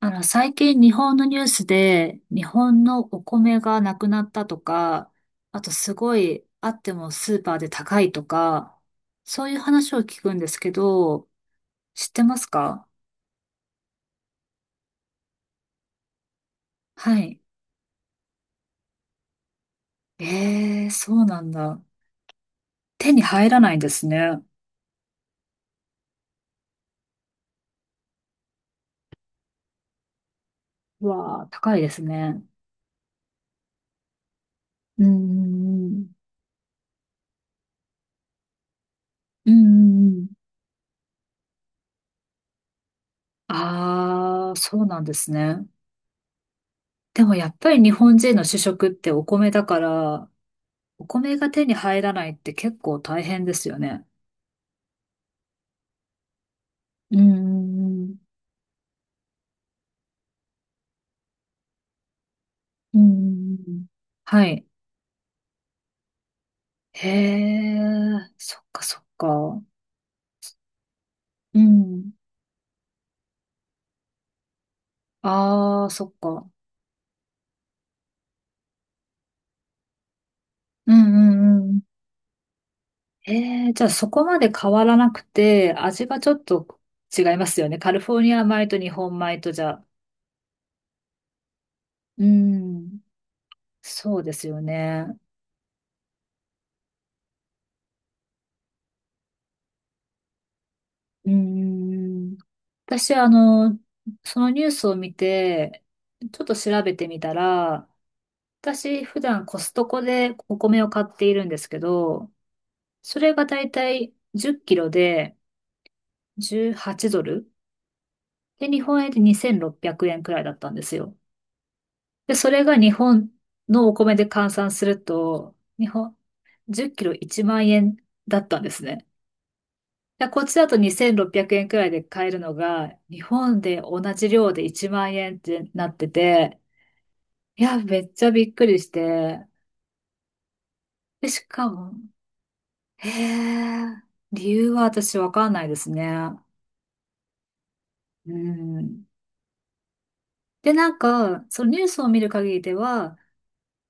最近日本のニュースで、日本のお米がなくなったとか、あとすごい、あってもスーパーで高いとか、そういう話を聞くんですけど、知ってますか？はい。ええ、そうなんだ。手に入らないんですね。うわあ、高いですね。うーん。うーん。ああ、そうなんですね。でもやっぱり日本人の主食ってお米だから、お米が手に入らないって結構大変ですよね。うん、うん、はい。へえ、そっかそっか。うん、ああ、そっか。うん、うんうん、ええ、じゃあそこまで変わらなくて、味がちょっと違いますよね。カリフォルニア米と日本米とじゃ、うん、そうですよね。うん、私、そのニュースを見て、ちょっと調べてみたら、私、普段コストコでお米を買っているんですけど、それがだいたい10キロで18ドル。で、日本円で2600円くえんくらいだったんですよ。で、それが日本のお米で換算すると、日本、10キロ1万円だったんですね。でこっちだと2600円くえんくらいで買えるのが、日本で同じ量で1万円ってなってて、いや、めっちゃびっくりして、で、しかも、へえ、理由は私わかんないですね。うん。で、なんか、そのニュースを見る限りでは、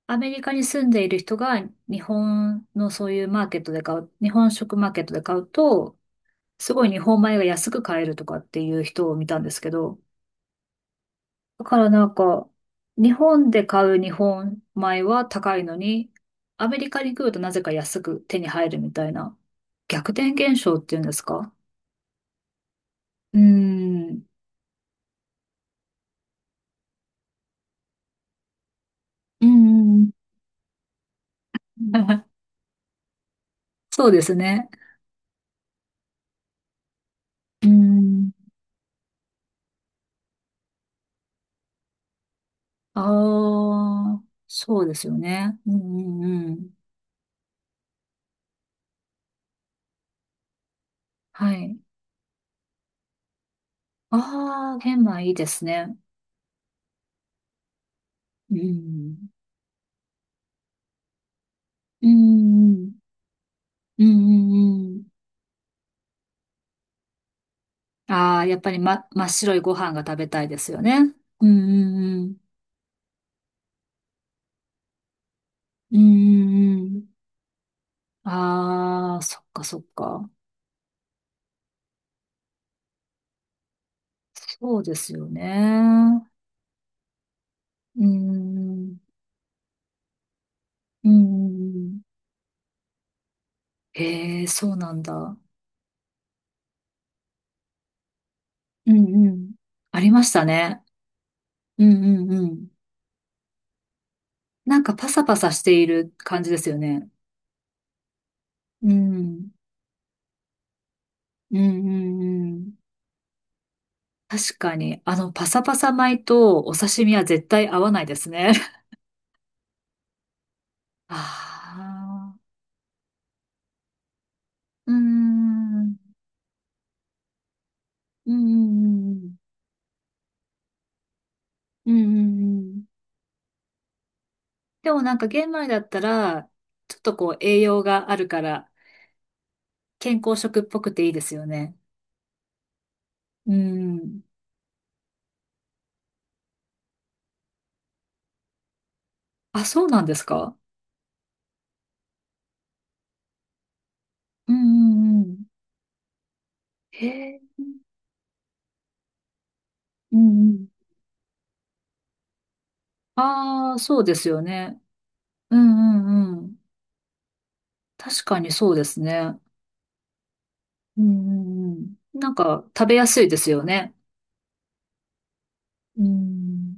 アメリカに住んでいる人が日本のそういうマーケットで買う、日本食マーケットで買うと、すごい日本米が安く買えるとかっていう人を見たんですけど、だからなんか、日本で買う日本米は高いのに、アメリカに来るとなぜか安く手に入るみたいな、逆転現象っていうんですか？うん。うんうんうん そうですね。うん。ああ、そうですよね。うんうんうん。はい。ああ、玄米いいですね。うん。うんうん。うんうんうん。ああ、やっぱり、ま、真っ白いご飯が食べたいですよね。うんうんうん。うんうんうん。ああ、そっかそっか。そうですよね。うん。うんうんうん。ええ、そうなんだ。うんうん。ありましたね。うんうんうん。なんかパサパサしている感じですよね。うん。うんうんうん。確かに、パサパサ米とお刺身は絶対合わないですね。ああ。うーん。うんうんうんうん。うんうんうん。でもなんか玄米だったら、ちょっとこう栄養があるから、健康食っぽくていいですよね。うん。あ、そうなんですか？うんうんうん。へえ。うんうん。ああ、そうですよね。うんうんうん。確かにそうですね。うんうんうん。なんか食べやすいですよね。うん。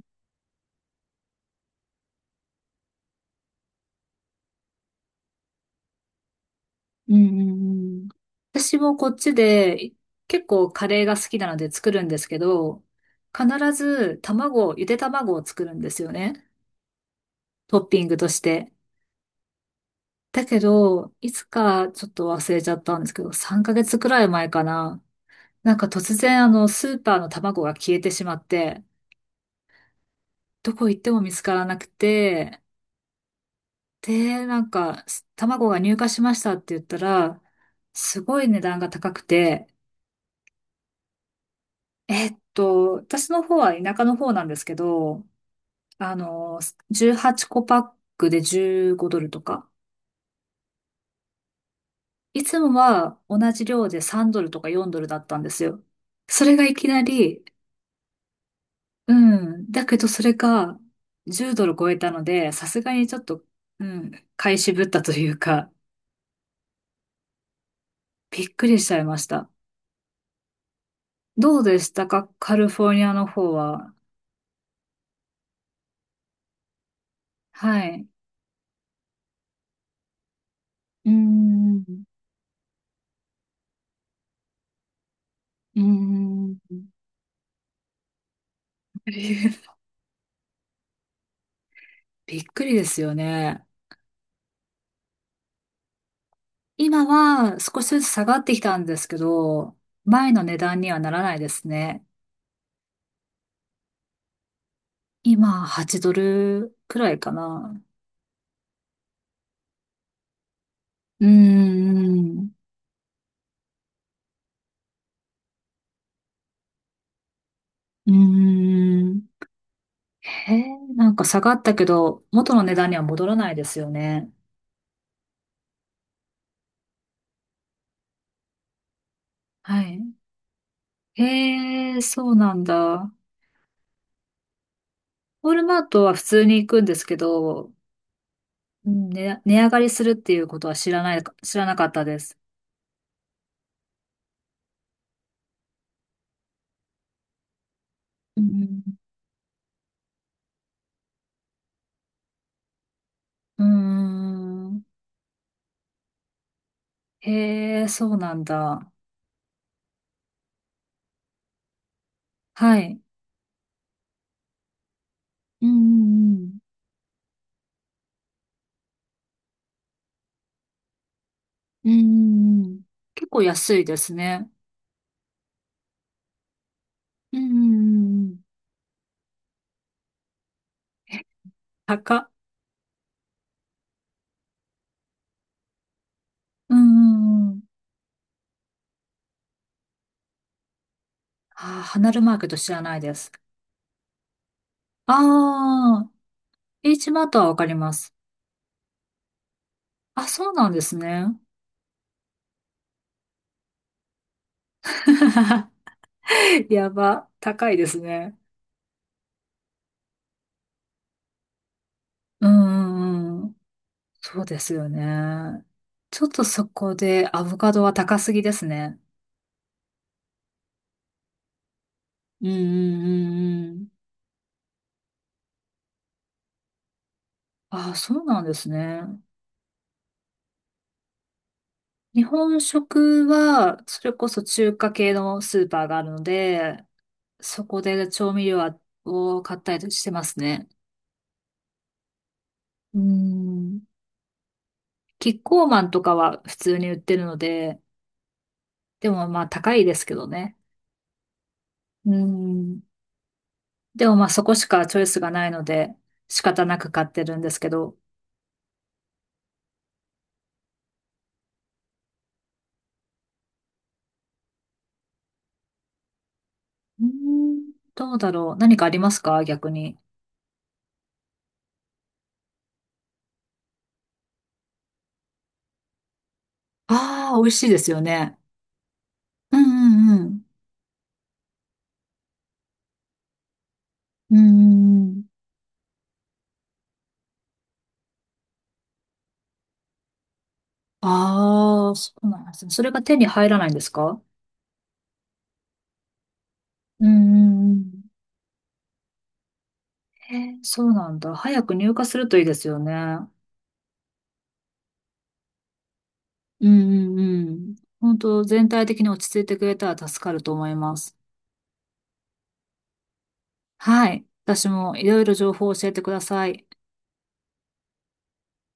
うんうんうん。私もこっちで結構カレーが好きなので作るんですけど、必ず卵、ゆで卵を作るんですよね。トッピングとして。だけど、いつかちょっと忘れちゃったんですけど、3ヶ月くらい前かな。なんか突然あのスーパーの卵が消えてしまって、どこ行っても見つからなくて、で、なんか、卵が入荷しましたって言ったら、すごい値段が高くて、私の方は田舎の方なんですけど、あの、18個パックで15ドルとか、いつもは同じ量で3ドルとか4ドルだったんですよ。それがいきなり、うん、だけどそれが10ドル超えたので、さすがにちょっと、うん、買い渋ったというか、びっくりしちゃいました。どうでしたかカリフォルニアの方は？はい。うーん。うーん。びっくりですよね。今は少しずつ下がってきたんですけど、前の値段にはならないですね。今、8ドルくらいかな。うーん。うーん。へえ、なんか下がったけど、元の値段には戻らないですよね。はい。へえ、そうなんだ。ウォールマートは普通に行くんですけど、うん、ね、値上がりするっていうことは知らなかったです。うんうんうーん。へえ、そうなんだ。はい。うん。うんうんうん。結構安いですね。うんうんうんえ高っ。うんうんうん。ああ、離るマーケット知らないです。ああ、H マートはわかります。あ、そうなんですね。やば。高いですね。うんうんそうですよね。ちょっとそこでアボカドは高すぎですね。うんうんうんうんああ、そうなんですね。日本食は、それこそ中華系のスーパーがあるので、そこで調味料を買ったりしてますね。うん。キッコーマンとかは普通に売ってるので、でもまあ高いですけどね。うん。でもまあそこしかチョイスがないので、仕方なく買ってるんですけど。うーんどうだろう。何かありますか逆に？ああ、美味しいですよね。うんうんうん。うんうんうん。ああ、そうなんですね。それが手に入らないんですか？うんうんうん。へえ、そうなんだ。早く入荷するといいですよね。うんうんうん。本当全体的に落ち着いてくれたら助かると思います。はい。私もいろいろ情報を教えてください。